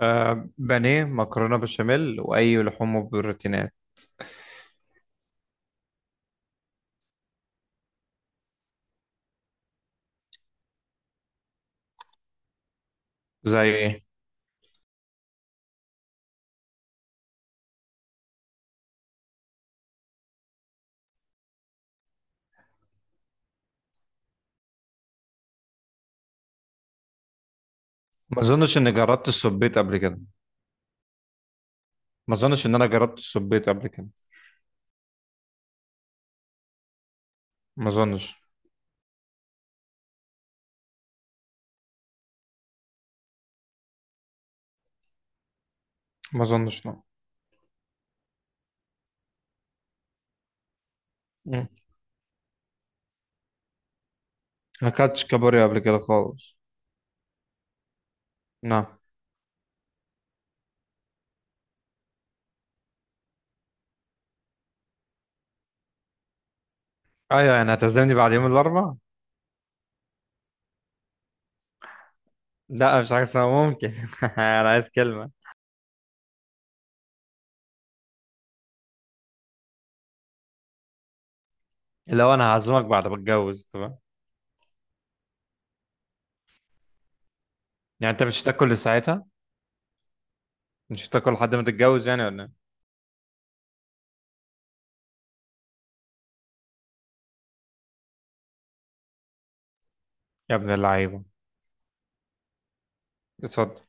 بانيه مكرونه بشاميل واي لحوم وبروتينات. زي ايه؟ ما اظنش اني جربت السبيط قبل كده. ما اظنش ان انا جربت السبيط قبل كده. ما اظنش. ما اظنش لا. مم. ما اكلتش كابوريا قبل كده خالص. نعم؟ ايوه، يعني هتعزمني بعد يوم الاربع؟ لا، مش حاجه اسمها ممكن. انا عايز كلمه. لو انا هعزمك بعد ما اتجوز طبعا. يعني انت مش هتاكل ساعتها؟ مش هتاكل لحد ما تتجوز يعني ولا إيه؟ يا ابن اللعيبه. اتفضل.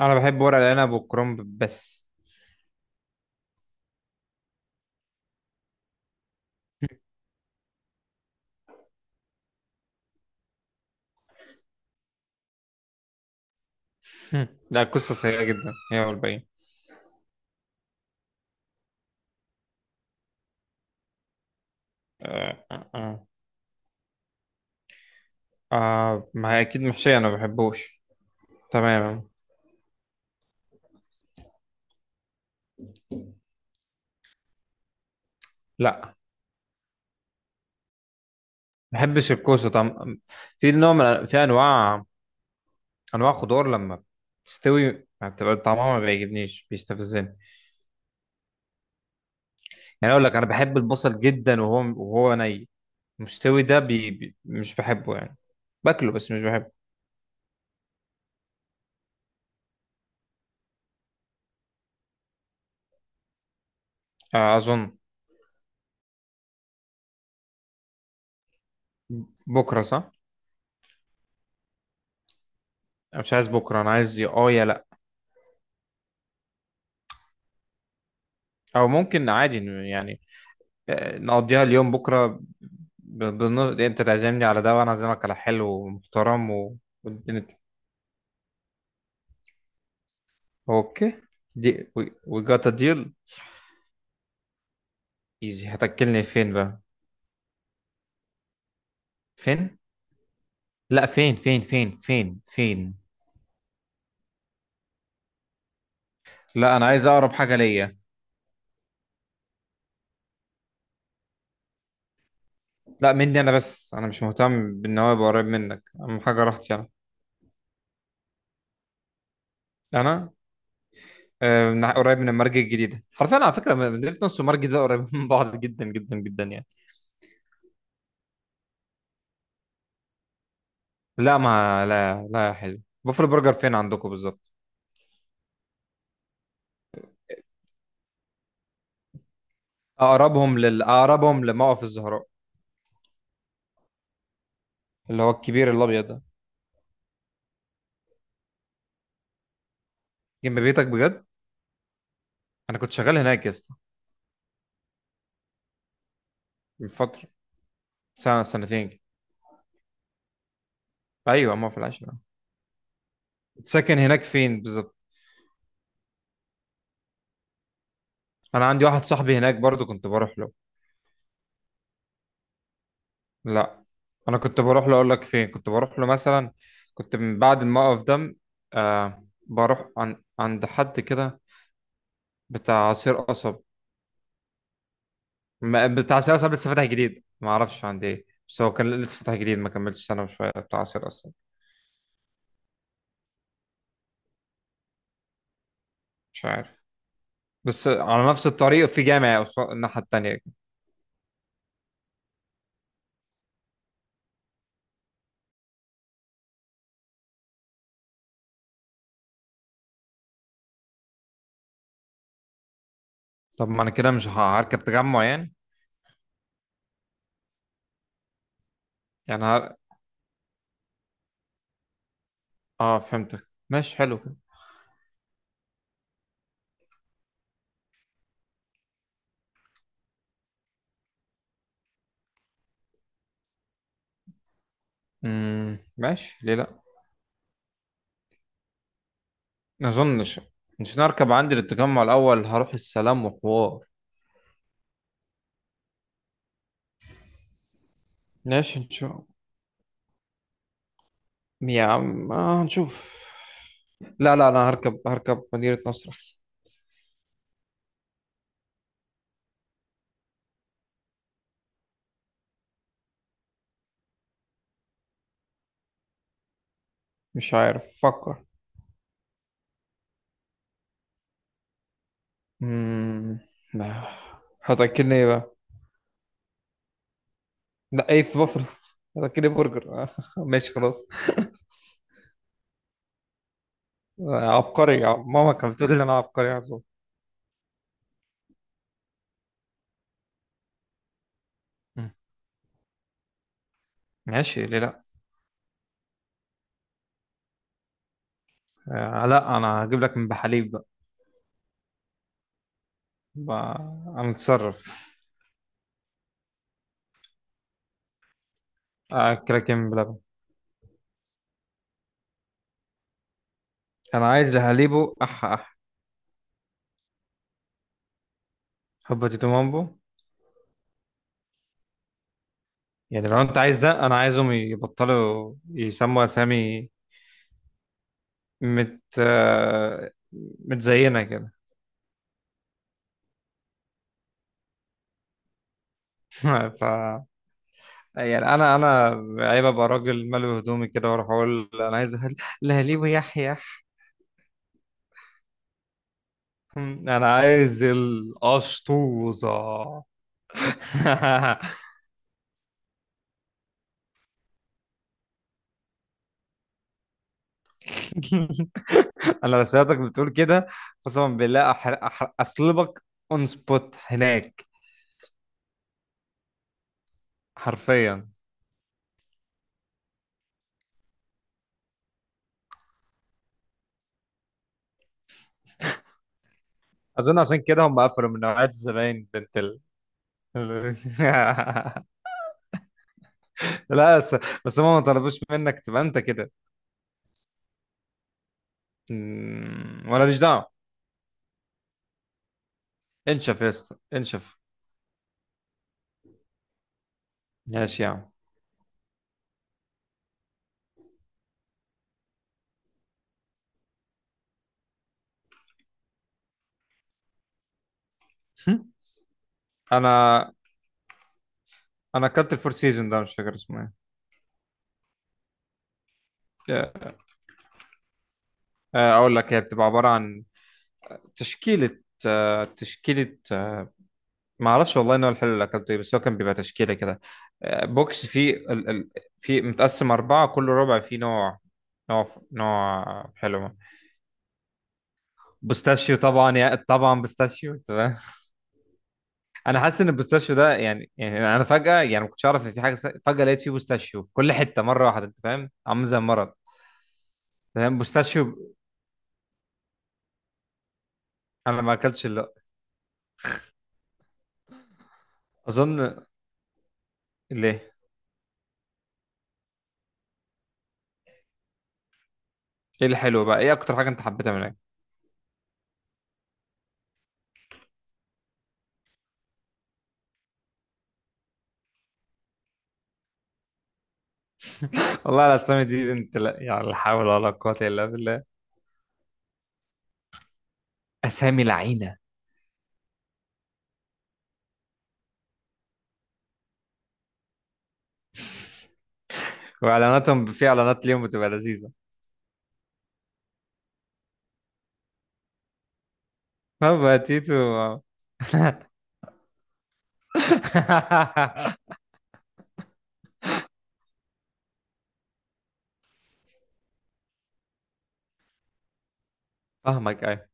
انا بحب ورق العنب والكرنب بس. مم. لا، القصة سيئة جدا، هي والباقيين. آه آه آه. آه، ما هي أكيد محشية، أنا ما بحبوش تماما. لا، ما بحبش الكوسة طعم. في نوع من في أنواع أنواع خضار لما تستوي ما بتبقى طعمها ما بيعجبنيش، بيستفزني. يعني أقول لك، أنا بحب البصل جدا، وهو ني مستوي ده مش بحبه يعني. باكله بس مش بحبه. آه أظن. بكرة صح؟ أنا مش عايز بكرة، أنا عايز يا آه يا لأ. أو ممكن عادي يعني، نقضيها اليوم بكرة. بالنص، انت تعزمني على ده وانا اعزمك على حلو ومحترم و... والدنيا ت- اوكي، دي وي جات ديل. ايزي، هتاكلني فين بقى؟ فين؟ لا، فين فين فين فين فين. لا، انا عايز اقرب حاجه ليا. لا، مني انا بس، انا مش مهتم بان هو يبقى قريب منك، اهم حاجه راحتي انا. انا، قريب من المرج الجديده، حرفيا على فكره مدينه نص والمرج ده قريب من بعض جدا جدا جدا يعني. لا ما لا لا يا حلو، بوفلو برجر فين عندكم بالظبط؟ اقربهم لموقف الزهراء، اللي هو الكبير الابيض ده. جنب بيتك بجد؟ انا كنت شغال هناك يا اسطى. من فتره، سنه سنتين كده. ايوه، ما في العشرة. كنت ساكن هناك فين بالظبط؟ انا عندي واحد صاحبي هناك برضو كنت بروح له. لا، انا كنت بروح له، اقول لك فين كنت بروح له مثلا. كنت من بعد الموقف ده، بروح عند حد كده، بتاع عصير قصب. ما... بتاع عصير قصب لسه فاتح جديد، ما اعرفش عند ايه، بس هو كان لسه فاتح جديد ما كملش سنه وشويه، بتاع عصير قصب. مش عارف. بس على نفس الطريق في جامع الناحيه التانيه. طب ما انا كده مش ه- هركب تجمع يعني. يعني هر... اه فهمتك، ماشي حلو كده. امم، ماشي ليه لا. ما اظنش. مش نركب عندي للتجمع الاول، هروح السلام وحوار. ماشي نشوف. يا عم آه نشوف. لا، لا، انا هركب مدينة نصر احسن. مش عارف، فكر. امم. لا. هتاكلني ايه بقى؟ لا، ايه في بافلو؟ هتاكلني برجر. ماشي خلاص. عبقري، ماما كانت بتقول لي إن انا عبقري على طول. مم. ماشي ليه لا. آه لا، انا هجيب لك من بحليب بقى. بقى- انا متصرف. اكلك يمين بلبن. انا عايز لهاليبو اح اح. حبة تيتو مامبو. يعني لو انت عايز ده، انا عايزهم يبطلوا يسموا اسامي مت آه، متزينة كده. ف يعني انا عيب ابقى راجل ملوي هدومي كده واروح اقول انا عايز لهاليبو يحيح. انا عايز القشطوزة. انا لو سمعتك بتقول كده، قسما بالله اصلبك اون سبوت هناك، حرفيا. اظن عشان كده هم قفلوا من نوعية الزباين بنت لا بس، بس هم ما طلبوش منك تبقى انت كده. أمم، ولا ليش دعوه. انشف يا اسطى انشف. ماشي يا عم. انا انا اكلت الفور سيزون ده مش فاكر اسمه ايه. اقول لك، هي بتبقى عباره عن تشكيله. تشكيله. ما اعرفش والله ان هو الحلو اللي اكلته ايه، بس هو كان بيبقى تشكيله كده. بوكس فيه فيه متقسم اربعه، كل ربع فيه نوع نوع نوع حلو. بوستاشيو طبعا، يا طبعا بوستاشيو تمام. انا حاسس ان البوستاشيو ده يعني انا فجاه، يعني ما كنتش اعرف ان في حاجه فجاه لقيت فيه بوستاشيو في كل حته مره واحده، انت فاهم؟ عامل زي المرض. فاهم؟ بوستاشيو. انا ما اكلتش الا اظن. ليه؟ ايه الحلو بقى، ايه اكتر حاجه انت حبيتها من هناك؟ والله الاسامي دي انت، لا يعني لا حول ولا قوه الا بالله، اسامي لعينه. واعلاناتهم، في اعلانات ليهم بتبقى لذيذه. هبا تيتو. فاهمك ايوه.